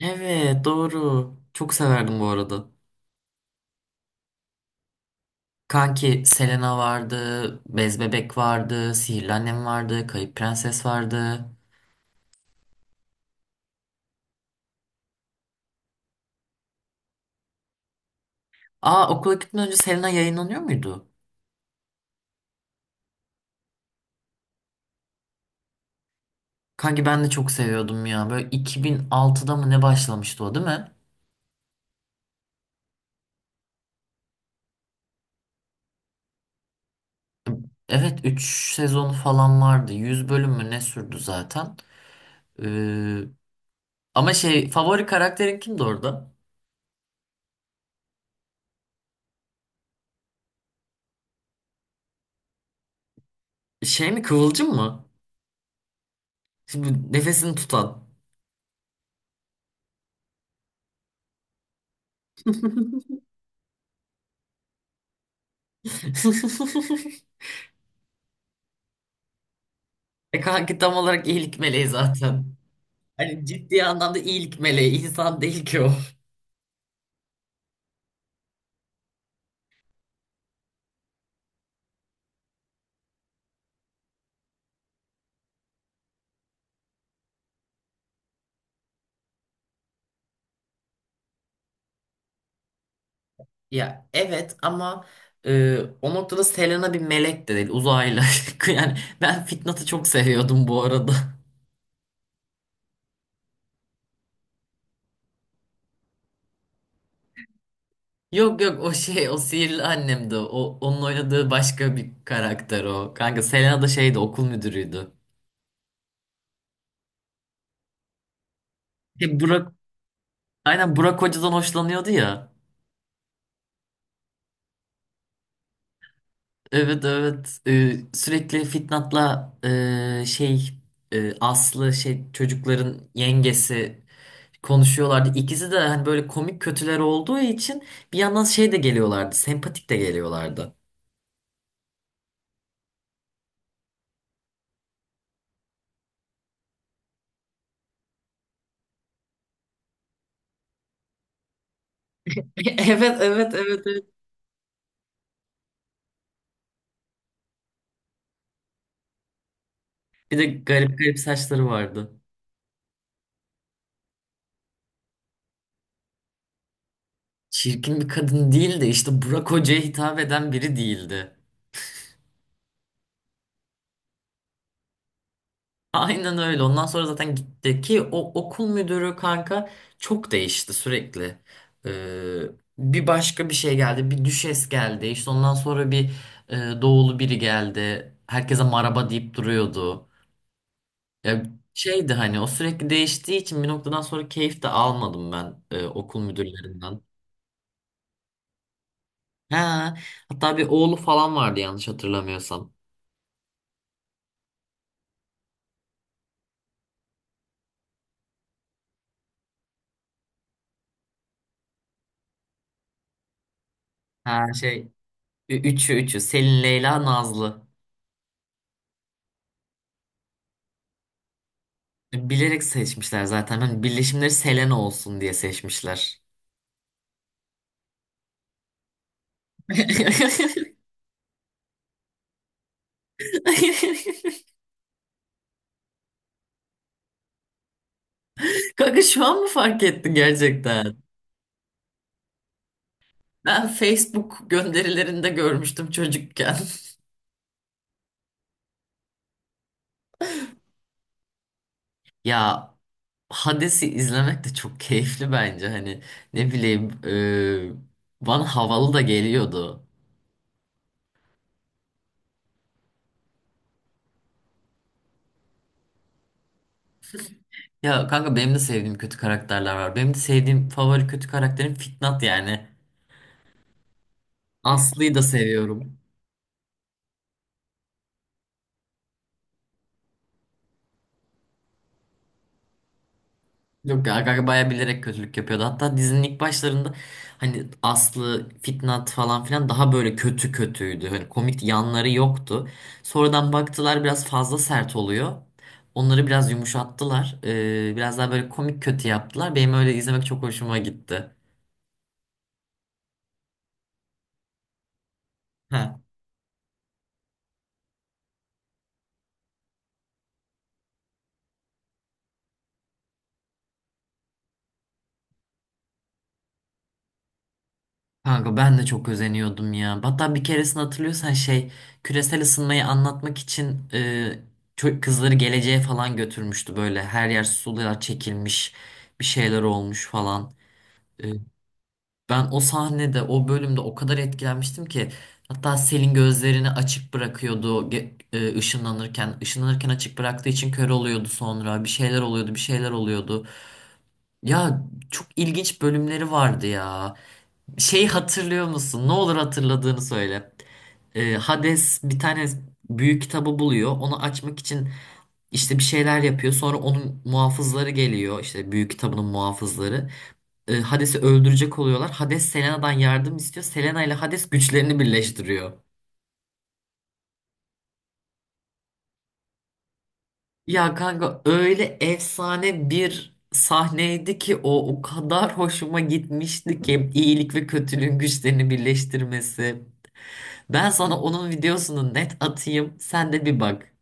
Evet, doğru. Çok severdim bu arada. Kanki Selena vardı, Bez Bebek vardı, Sihirli Annem vardı, Kayıp Prenses vardı. Aa, okula gitmeden önce Selena yayınlanıyor muydu? Kanki ben de çok seviyordum ya. Böyle 2006'da mı ne başlamıştı, o değil mi? Evet, 3 sezonu falan vardı. 100 bölüm mü ne sürdü zaten. Ee, ama şey favori karakterin kimdi orada? Şey mi, Kıvılcım mı? Şimdi nefesini tutan. E, kanki tam olarak iyilik meleği zaten. Hani ciddi anlamda iyilik meleği. İnsan değil ki o. Ya evet ama o noktada Selena bir melek de değil. Uzaylı. Yani ben Fitnat'ı çok seviyordum bu arada. Yok, yok, o şey, o Sihirli Annemdi. O, onun oynadığı başka bir karakter o. Kanka, Selena da şeydi, okul müdürüydü. E, Burak, aynen Burak Hoca'dan hoşlanıyordu ya. Evet, evet. Sürekli Fitnat'la, şey, Aslı, şey, çocukların yengesi konuşuyorlardı. İkisi de hani böyle komik kötüler olduğu için bir yandan şey de geliyorlardı. Sempatik de geliyorlardı. Evet, evet, evet, evet. Bir de garip garip saçları vardı. Çirkin bir kadın değil de işte Burak Hoca'ya hitap eden biri değildi. Aynen öyle. Ondan sonra zaten gitti ki, o okul müdürü kanka çok değişti sürekli. Ee, bir başka bir şey geldi. Bir düşes geldi. İşte ondan sonra doğulu biri geldi. Herkese maraba deyip duruyordu. Ya, şeydi hani, o sürekli değiştiği için bir noktadan sonra keyif de almadım ben okul müdürlerinden. Ha, hatta bir oğlu falan vardı, yanlış hatırlamıyorsam. Ha, şey, üçü Selin, Leyla, Nazlı. Bilerek seçmişler zaten. Hani birleşimleri Selena olsun diye seçmişler. Kanka, şu an mı fark ettin gerçekten? Ben Facebook gönderilerinde görmüştüm çocukken. Ya, Hades'i izlemek de çok keyifli bence. Hani, ne bileyim, bana havalı da geliyordu. Ya kanka, benim de sevdiğim kötü karakterler var. Benim de sevdiğim favori kötü karakterim Fitnat yani. Aslı'yı da seviyorum. Yok, Gaga bayağı bilerek kötülük yapıyordu. Hatta dizinin ilk başlarında hani Aslı, Fitnat falan filan daha böyle kötü kötüydü. Hani komik yanları yoktu. Sonradan baktılar, biraz fazla sert oluyor. Onları biraz yumuşattılar. Biraz daha böyle komik kötü yaptılar. Benim öyle izlemek çok hoşuma gitti. Kanka, ben de çok özeniyordum ya. Hatta bir keresini hatırlıyorsan, şey, küresel ısınmayı anlatmak için kızları geleceğe falan götürmüştü böyle. Her yer sular çekilmiş, bir şeyler olmuş falan. E, ben o sahnede, o bölümde o kadar etkilenmiştim ki hatta Selin gözlerini açık bırakıyordu ışınlanırken. Işınlanırken açık bıraktığı için kör oluyordu, sonra bir şeyler oluyordu, bir şeyler oluyordu. Ya, çok ilginç bölümleri vardı ya. Şey, hatırlıyor musun? Ne olur, hatırladığını söyle. Hades bir tane büyük kitabı buluyor. Onu açmak için işte bir şeyler yapıyor. Sonra onun muhafızları geliyor. İşte, büyük kitabının muhafızları. Hades'i öldürecek oluyorlar. Hades Selena'dan yardım istiyor. Selena ile Hades güçlerini birleştiriyor. Ya kanka, öyle efsane bir sahneydi ki, o o kadar hoşuma gitmişti ki iyilik ve kötülüğün güçlerini birleştirmesi. Ben sana onun videosunu net atayım, sen de bir bak.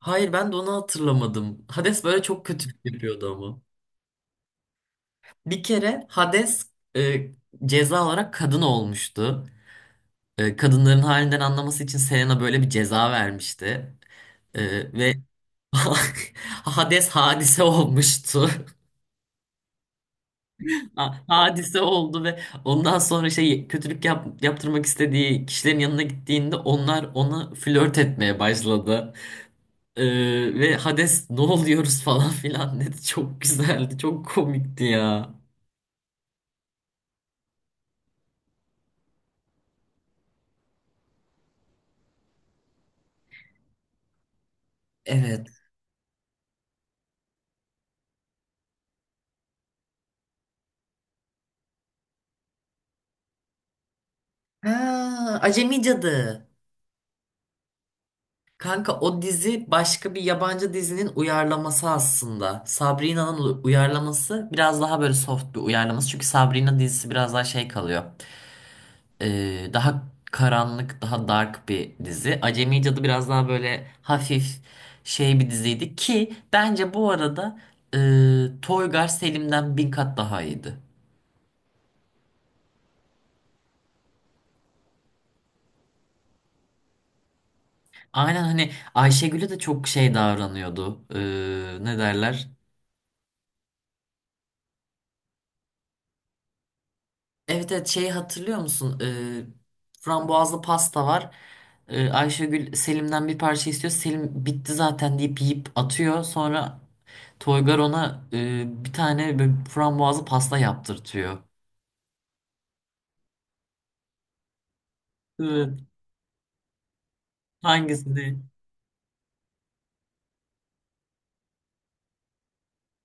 Hayır, ben de onu hatırlamadım. Hades böyle çok kötülük yapıyordu ama. Bir kere Hades e, ceza olarak kadın olmuştu. Kadınların halinden anlaması için Selena böyle bir ceza vermişti. Ve Hades hadise olmuştu. Hadise oldu ve ondan sonra, şey, kötülük yaptırmak istediği kişilerin yanına gittiğinde onlar ona flört etmeye başladı. Ve Hades ne oluyoruz falan filan dedi. Çok güzeldi, çok komikti ya. Evet. Ha, Acemi Cadı. Kanka, o dizi başka bir yabancı dizinin uyarlaması aslında. Sabrina'nın uyarlaması, biraz daha böyle soft bir uyarlaması. Çünkü Sabrina dizisi biraz daha şey kalıyor. Daha karanlık, daha dark bir dizi. Acemi Cadı biraz daha böyle hafif şey bir diziydi ki, bence bu arada, Toygar Selim'den bin kat daha iyiydi. Aynen, hani Ayşegül'e de çok şey davranıyordu. Ne derler? Evet, evet, şeyi hatırlıyor musun? Frambuazlı pasta var. Ayşegül Selim'den bir parça istiyor. Selim bitti zaten deyip yiyip atıyor. Sonra Toygar ona bir tane böyle frambuazlı pasta yaptırtıyor. Evet. Hangisini?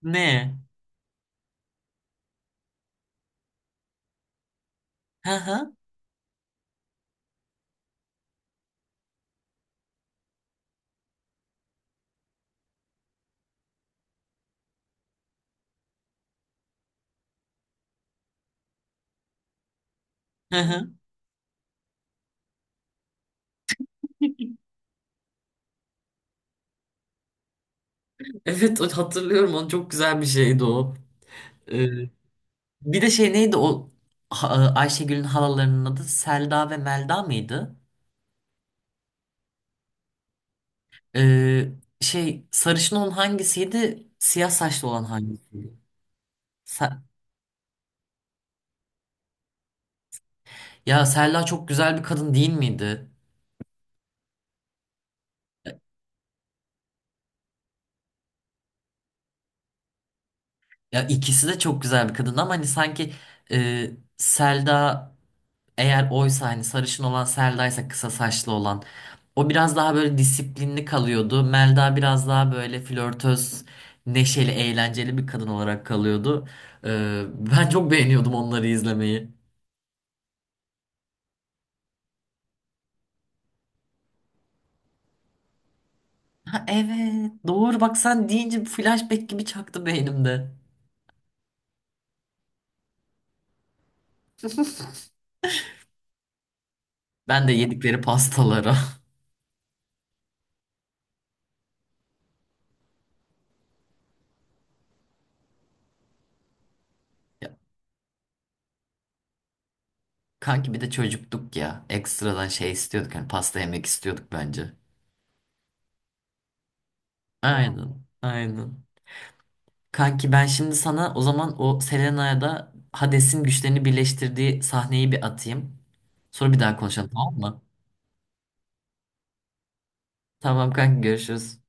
Ne? Hı hı. Hı hı. Evet, hatırlıyorum onu, çok güzel bir şeydi o. E, bir de şey neydi o? Ayşegül'ün halalarının adı Selda ve Melda mıydı? E, şey sarışın olan hangisiydi? Siyah saçlı olan hangisiydi? Se- ya Selda çok güzel bir kadın değil miydi? Ya, ikisi de çok güzel bir kadın ama hani sanki, e, Selda, eğer oysa, hani sarışın olan Selda'ysa, kısa saçlı olan, o biraz daha böyle disiplinli kalıyordu. Melda biraz daha böyle flörtöz, neşeli, eğlenceli bir kadın olarak kalıyordu. E, Ben çok beğeniyordum onları izlemeyi. Ha, evet doğru, bak sen deyince flashback gibi çaktı beynimde. Ben de yedikleri pastalara. Ya, kanki bir de çocuktuk ya. Ekstradan şey istiyorduk, hani pasta yemek istiyorduk bence. Aynen, aynen. Kanki, ben şimdi sana o zaman o Selena'ya da Hades'in güçlerini birleştirdiği sahneyi bir atayım. Sonra bir daha konuşalım, tamam mı? Tamam kanki, görüşürüz.